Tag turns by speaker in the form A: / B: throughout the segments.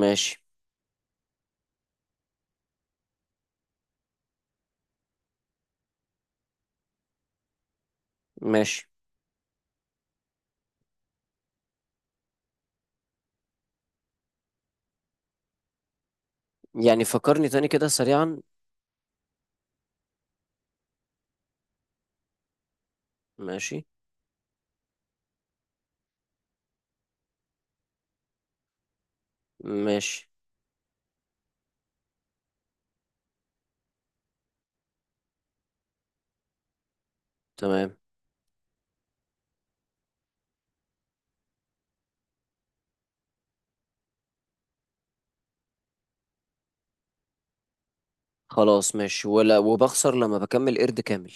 A: ماشي. ماشي يعني فكرني تاني كده سريعا. ماشي. ماشي تمام. خلاص ماشي، ولا وبخسر لما بكمل قرد كامل؟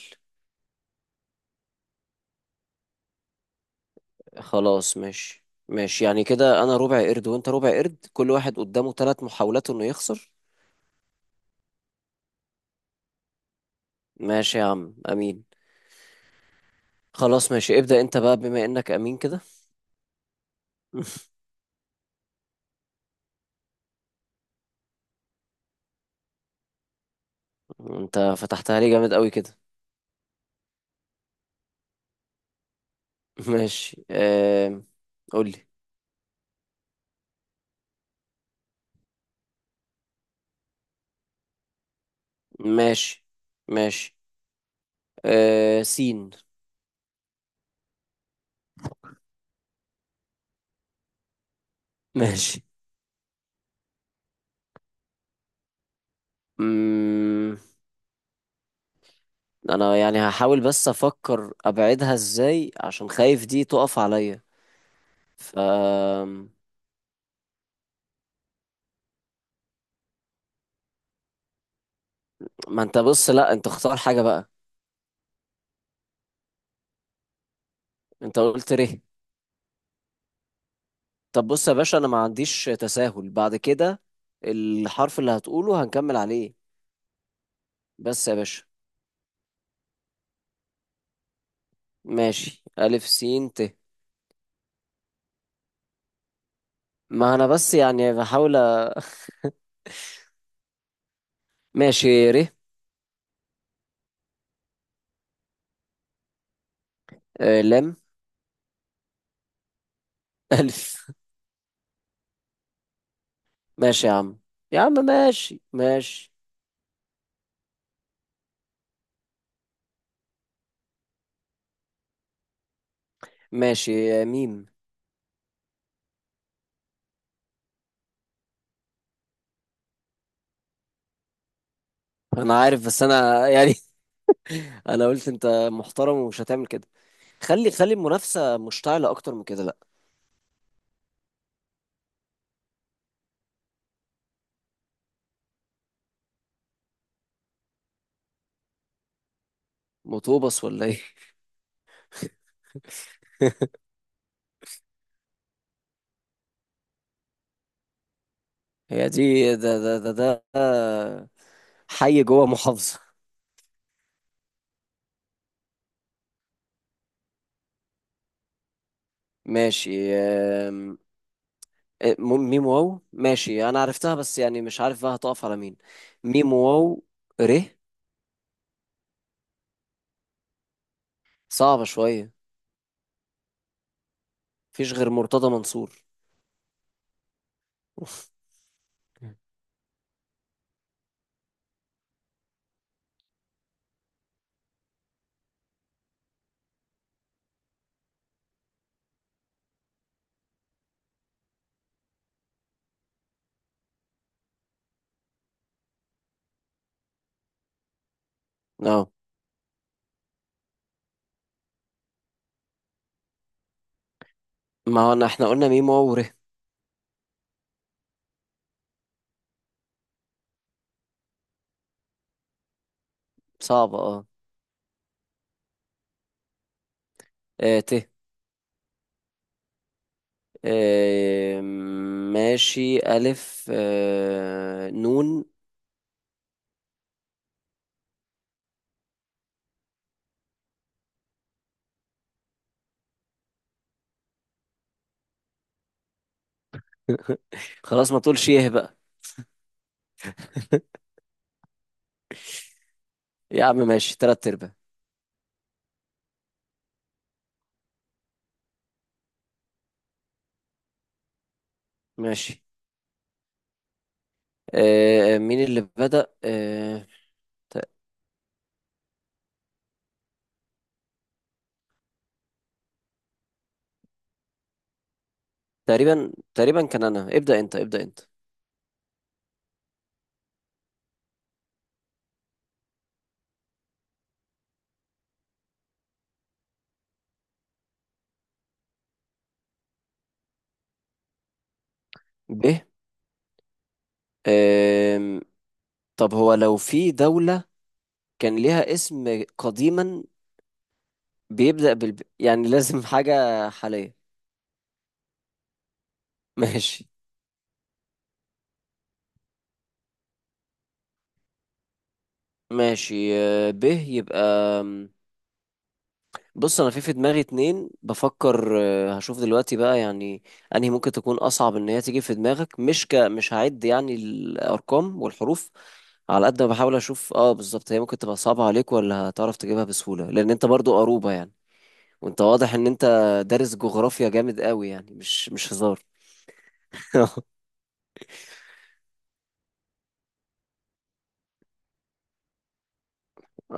A: خلاص ماشي ماشي، يعني كده انا ربع قرد وانت ربع قرد، كل واحد قدامه ثلاث محاولات انه يخسر. ماشي يا عم امين. خلاص ماشي، ابدأ انت بقى بما انك امين كده. انت فتحتها لي جامد قوي كده. ماشي قولي. ماشي. ماشي سين. ماشي. مم... انا يعني هحاول بس افكر ابعدها ازاي عشان خايف دي تقف عليا. ف. ما انت بص، لا انت اختار حاجة بقى. انت قلت ره. طب بص يا باشا، انا ما عنديش تساهل بعد كده. الحرف اللي هتقوله هنكمل عليه. بس يا باشا. ماشي الف سين ت. ما انا بس يعني بحاول. أ- ماشي ر. لام. الف. ماشي يا عم. يا عم ماشي ماشي. ماشي ميم. انا عارف، بس انا يعني انا قلت انت محترم ومش هتعمل كده. خلي المنافسه مشتعله اكتر من كده، لا. مطوبس ولا ايه؟ هي دي ده ده ده ده ده. حي جوه محافظه. ماشي إيه، ميم واو، ماشي انا عرفتها، بس يعني مش عارف بقى هتقف على مين. ميم واو ر. صعبه شويه. مفيش غير مرتضى منصور. اه. ما هو احنا قلنا ميم واو ر. صعبه اه. ت. آه، ماشي ألف. نون. خلاص، ما تقولش ايه بقى. يا عم ماشي، تلات أرباع. ماشي. مين اللي بدأ؟ ت- تقريبا تقريبا كان أنا ابدأ. أنت ابدأ أنت. ب. آم، طب هو لو في دولة كان ليها اسم قديما بيبدأ بال، يعني لازم حاجة حالية. ماشي. ماشي. ب يبقى. بص انا في دماغي اتنين بفكر، هشوف دلوقتي بقى، يعني انهي ممكن تكون اصعب ان هي تيجي في دماغك. مش ك، مش هعد يعني الارقام والحروف. على قد ما بحاول اشوف اه بالظبط هي ممكن تبقى صعبة عليك ولا هتعرف تجيبها بسهولة، لان انت برضو قروبة يعني. وانت واضح ان انت دارس جغرافيا جامد قوي، يعني مش هزار.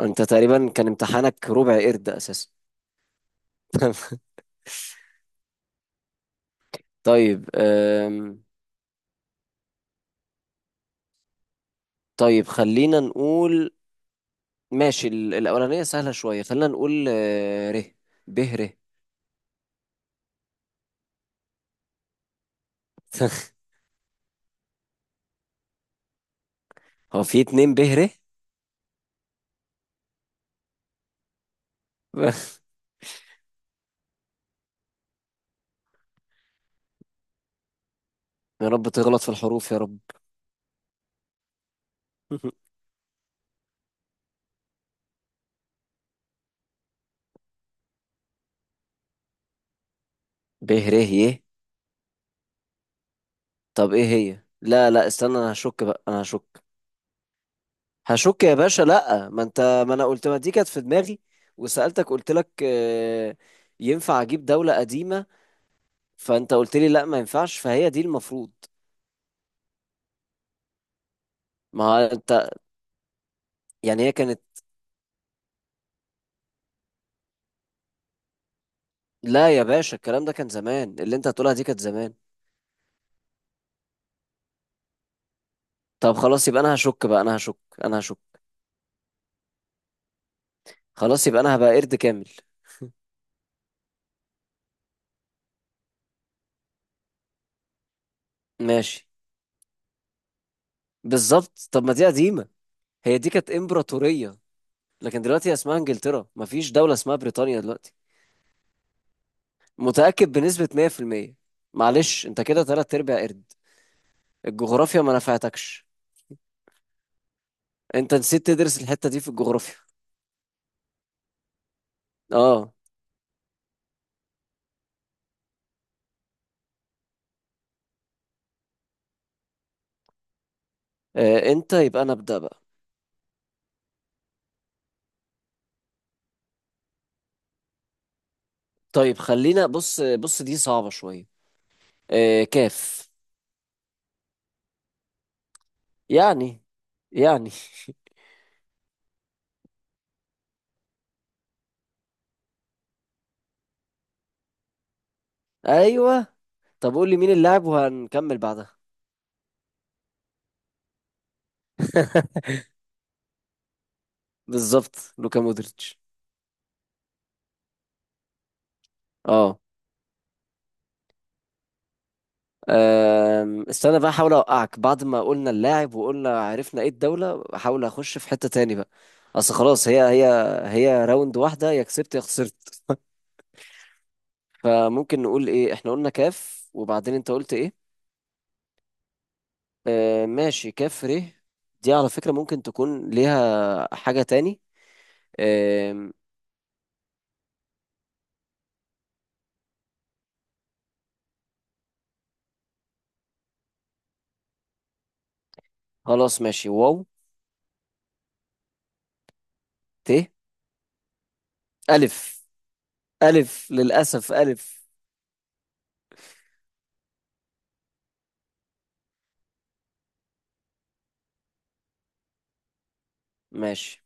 A: انت تقريبا كان امتحانك ربع قرد اساسا. طيب. طيب خلينا نقول. ماشي الأولانية سهلة شوية، خلينا نقول ر. ب ر. هو في اتنين ب ر. يا رب تغلط في الحروف، يا رب. ب ر ي. طب ايه هي؟ لا لا استنى، انا هشك بقى، انا هشك. هشك يا باشا، لا ما انت. ما انا قلت ما دي كانت في دماغي، وسألتك قلت لك ينفع اجيب دولة قديمة؟ فانت قلت لي لا ما ينفعش، فهي دي المفروض. ما هو انت، يعني هي كانت. لا يا باشا، الكلام ده كان زمان. اللي انت هتقولها دي كانت زمان. طب خلاص يبقى انا هشك بقى، انا هشك، انا هشك. خلاص يبقى انا هبقى قرد كامل. ماشي. بالظبط. طب ما دي قديمة، هي دي كانت امبراطورية. لكن دلوقتي اسمها انجلترا، مفيش دولة اسمها بريطانيا دلوقتي. متأكد بنسبة 100%. معلش انت كده تلات ارباع قرد. الجغرافيا ما نفعتكش. انت نسيت تدرس الحتة دي في الجغرافيا. اه. انت، يبقى انا ابدأ بقى. طيب خلينا. بص بص دي صعبة شوية. كاف. يعني. يعني. ايوه. طب قول لي مين اللاعب وهنكمل بعدها. بالظبط، لوكا مودريتش. اه. أم، استنى بقى احاول اوقعك. بعد ما قلنا اللاعب وقلنا عرفنا ايه الدولة، احاول اخش في حتة تاني بقى. اصل خلاص هي هي. هي راوند واحدة، يا كسبت يا خسرت. فممكن نقول ايه؟ احنا قلنا كاف، وبعدين انت قلت ايه؟ أه ماشي، كاف ر. دي على فكرة ممكن تكون ليها حاجة تاني. أم، خلاص ماشي واو. ت. ألف. ألف للأسف، ألف. ماشي.